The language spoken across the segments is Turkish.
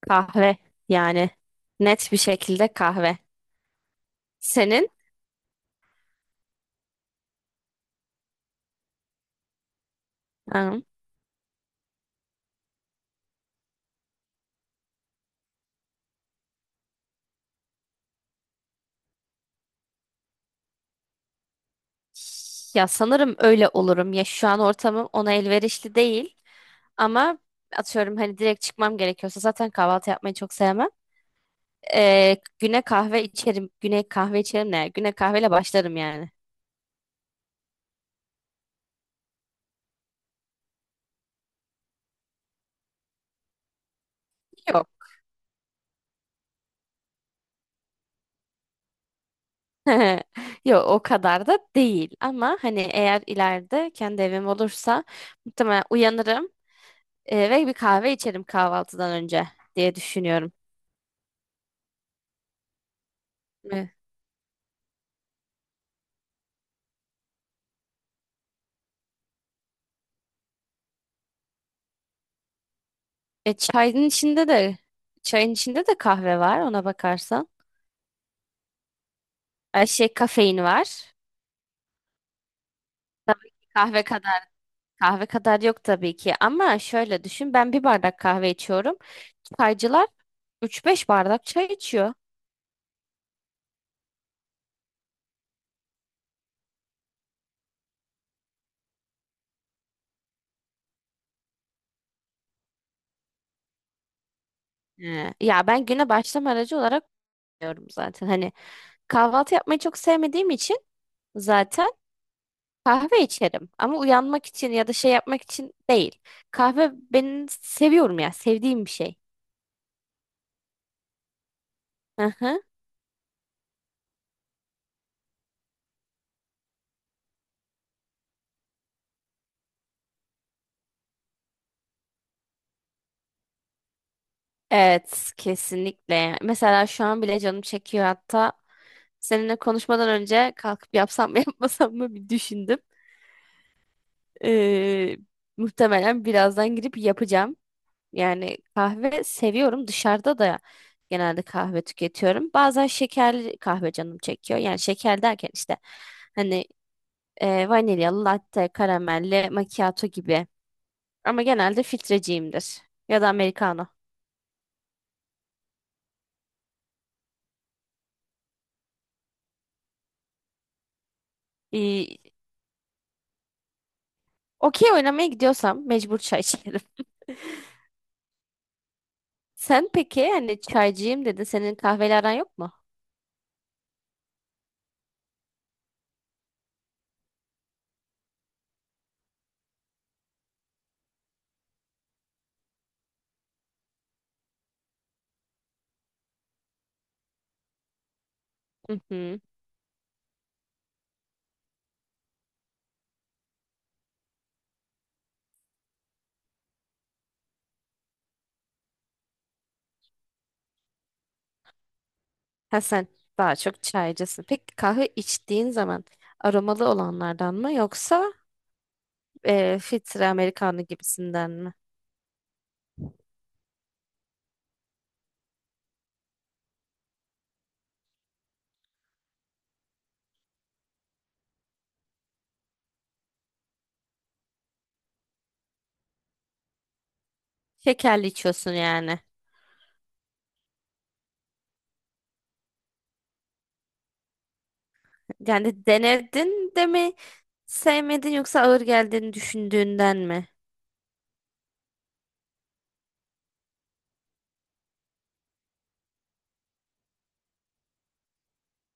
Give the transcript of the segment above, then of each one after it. Kahve yani net bir şekilde kahve. Senin? Hı. Ya sanırım öyle olurum. Ya şu an ortamım ona elverişli değil ama atıyorum hani direkt çıkmam gerekiyorsa zaten kahvaltı yapmayı çok sevmem. Güne kahve içerim. Güne kahve içerim ne? Güne kahveyle başlarım yani. Yok. Yok o kadar da değil ama hani eğer ileride kendi evim olursa muhtemelen uyanırım ve bir kahve içerim kahvaltıdan önce diye düşünüyorum. E, çayın içinde de çayın içinde de kahve var ona bakarsan. Ay şey kafein var. Tabii ki kahve kadar yok tabii ki ama şöyle düşün ben bir bardak kahve içiyorum. Çaycılar 3-5 bardak çay içiyor. He. Ya ben güne başlama aracı olarak diyorum zaten. Hani kahvaltı yapmayı çok sevmediğim için zaten kahve içerim ama uyanmak için ya da şey yapmak için değil. Kahve ben seviyorum ya sevdiğim bir şey. Evet, kesinlikle. Mesela şu an bile canım çekiyor hatta. Seninle konuşmadan önce kalkıp yapsam mı yapmasam mı bir düşündüm. Ee, muhtemelen birazdan girip yapacağım. Yani kahve seviyorum. Dışarıda da genelde kahve tüketiyorum. Bazen şekerli kahve canım çekiyor. Yani şeker derken işte hani vanilyalı, latte, karamelli, macchiato gibi. Ama genelde filtreciyimdir. Ya da americano. Okey oynamaya gidiyorsam mecbur çay içerim. Sen peki hani çaycıyım dedin. Senin kahveyle aran yok mu? Hı hı. Ha sen daha çok çaycısın. Peki kahve içtiğin zaman aromalı olanlardan mı yoksa filtre Amerikanlı gibisinden mi? Şekerli içiyorsun yani. Yani denedin de mi sevmedin yoksa ağır geldiğini düşündüğünden mi?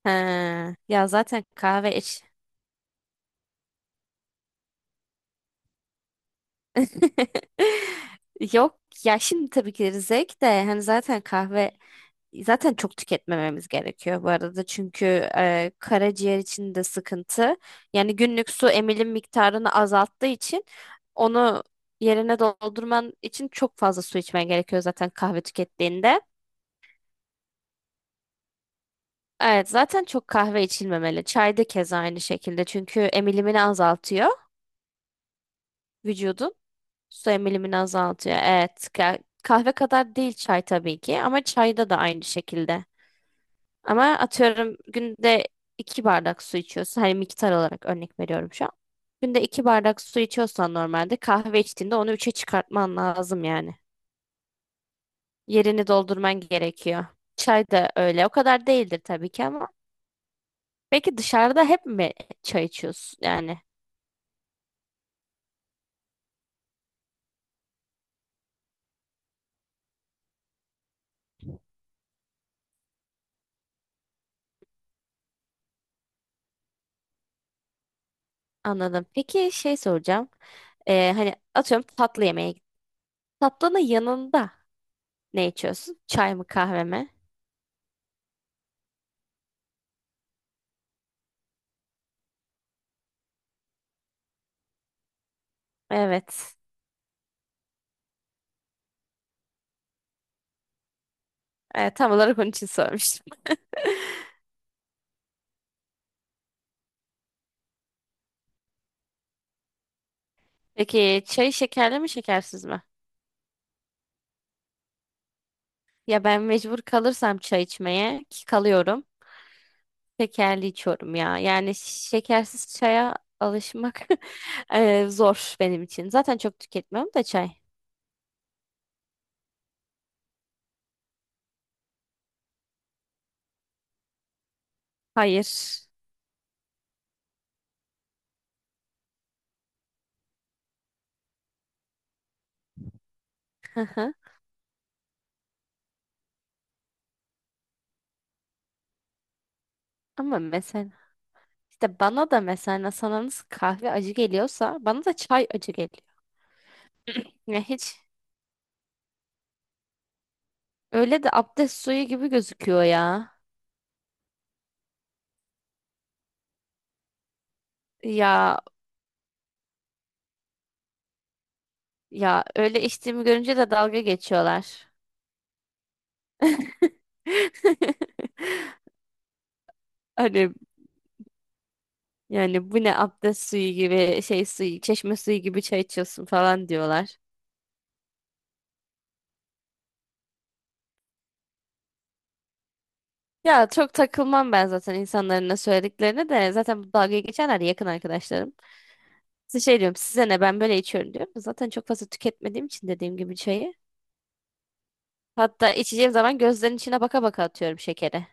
He. Ya zaten kahve iç. Yok ya şimdi tabii ki zevk de hani zaten kahve zaten çok tüketmememiz gerekiyor bu arada çünkü karaciğer için de sıkıntı. Yani günlük su emilim miktarını azalttığı için onu yerine doldurman için çok fazla su içmen gerekiyor zaten kahve tükettiğinde. Evet zaten çok kahve içilmemeli. Çay da keza aynı şekilde çünkü emilimini azaltıyor vücudun. Su emilimini azaltıyor. Evet. Kahve kadar değil çay tabii ki ama çayda da aynı şekilde. Ama atıyorum günde iki bardak su içiyorsun. Hani miktar olarak örnek veriyorum şu an. Günde iki bardak su içiyorsan normalde kahve içtiğinde onu üçe çıkartman lazım yani. Yerini doldurman gerekiyor. Çay da öyle. O kadar değildir tabii ki ama. Peki dışarıda hep mi çay içiyorsun? Yani anladım. Peki şey soracağım. Hani atıyorum tatlı yemeğe gittin. Tatlının yanında ne içiyorsun? Çay mı kahve mi? Evet. E, tam olarak onun için sormuştum. Peki çay şekerli mi şekersiz mi? Ya ben mecbur kalırsam çay içmeye ki kalıyorum. Şekerli içiyorum ya. Yani şekersiz çaya alışmak zor benim için. Zaten çok tüketmiyorum da çay. Hayır. Hı hı. Ama mesela işte bana da mesela sana nasıl kahve acı geliyorsa bana da çay acı geliyor. Ya hiç öyle de abdest suyu gibi gözüküyor ya. Ya Ya öyle içtiğimi görünce de dalga geçiyorlar. Hani yani bu ne abdest suyu gibi şey suyu çeşme suyu gibi çay içiyorsun falan diyorlar. Ya çok takılmam ben zaten insanların ne söylediklerine de zaten bu dalga geçenler de yakın arkadaşlarım. Size şey diyorum size ne ben böyle içiyorum diyorum. Zaten çok fazla tüketmediğim için dediğim gibi çayı. Hatta içeceğim zaman gözlerin içine baka baka atıyorum şekeri.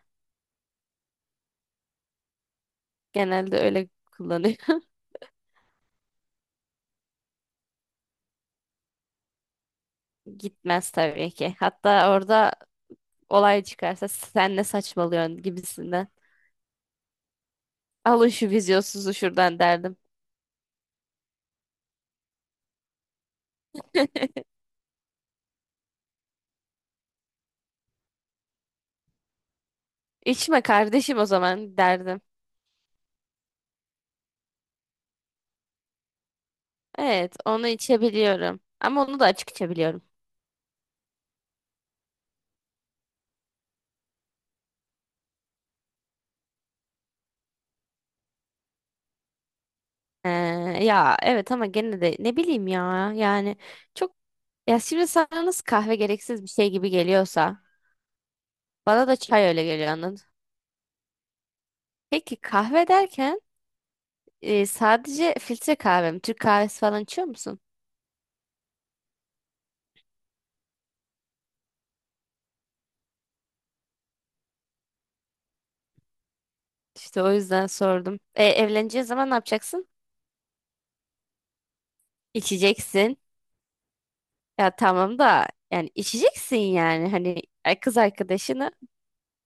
Genelde öyle kullanıyorum. Gitmez tabii ki. Hatta orada olay çıkarsa sen ne saçmalıyorsun gibisinden. Alın şu vizyonsuzu şuradan derdim. İçme kardeşim o zaman derdim. Evet onu içebiliyorum. Ama onu da açık içebiliyorum. Ee, ya evet ama gene de ne bileyim ya. Yani çok ya şimdi sana nasıl kahve gereksiz bir şey gibi geliyorsa bana da çay öyle geliyor anladın. Peki kahve derken sadece filtre kahve mi? Türk kahvesi falan içiyor musun? İşte o yüzden sordum. Evleneceğin zaman ne yapacaksın? İçeceksin. Ya tamam da yani içeceksin yani hani kız arkadaşını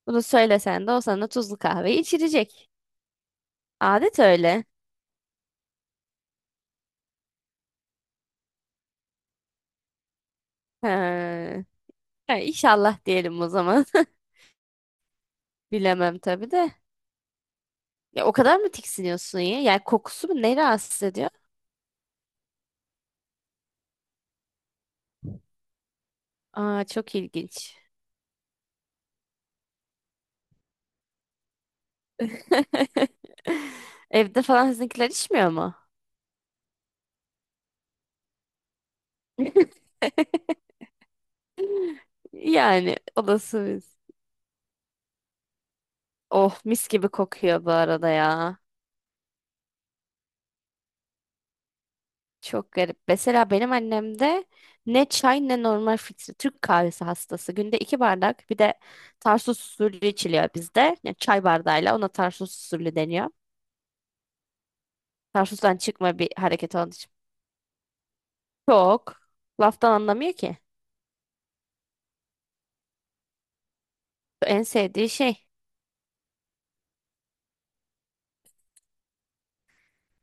bunu söylesen de o sana tuzlu kahve içirecek. Adet öyle. Ha. Ha, inşallah diyelim o zaman. Bilemem tabii de. Ya o kadar mı tiksiniyorsun ya? Yani kokusu mu ne rahatsız ediyor? Aa çok ilginç. Evde falan sizinkiler içmiyor mu? Yani olasıyız. Oh mis gibi kokuyor bu arada ya. Çok garip. Mesela benim annem de ne çay ne normal filtre Türk kahvesi hastası. Günde iki bardak bir de Tarsus usulü içiliyor bizde. Yani çay bardağıyla ona Tarsus usulü deniyor. Tarsus'tan çıkma bir hareket olduğu için. Çok. Laftan anlamıyor ki. En sevdiği şey.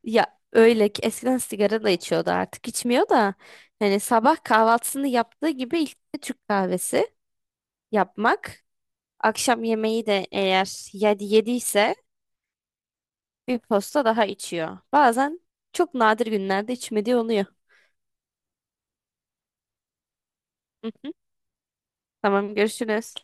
Ya öyle ki eskiden sigara da içiyordu artık içmiyor da. Hani sabah kahvaltısını yaptığı gibi ilk de Türk kahvesi yapmak. Akşam yemeği de eğer yedi yediyse bir posta daha içiyor. Bazen çok nadir günlerde içmediği oluyor. Hı hı. Tamam görüşürüz.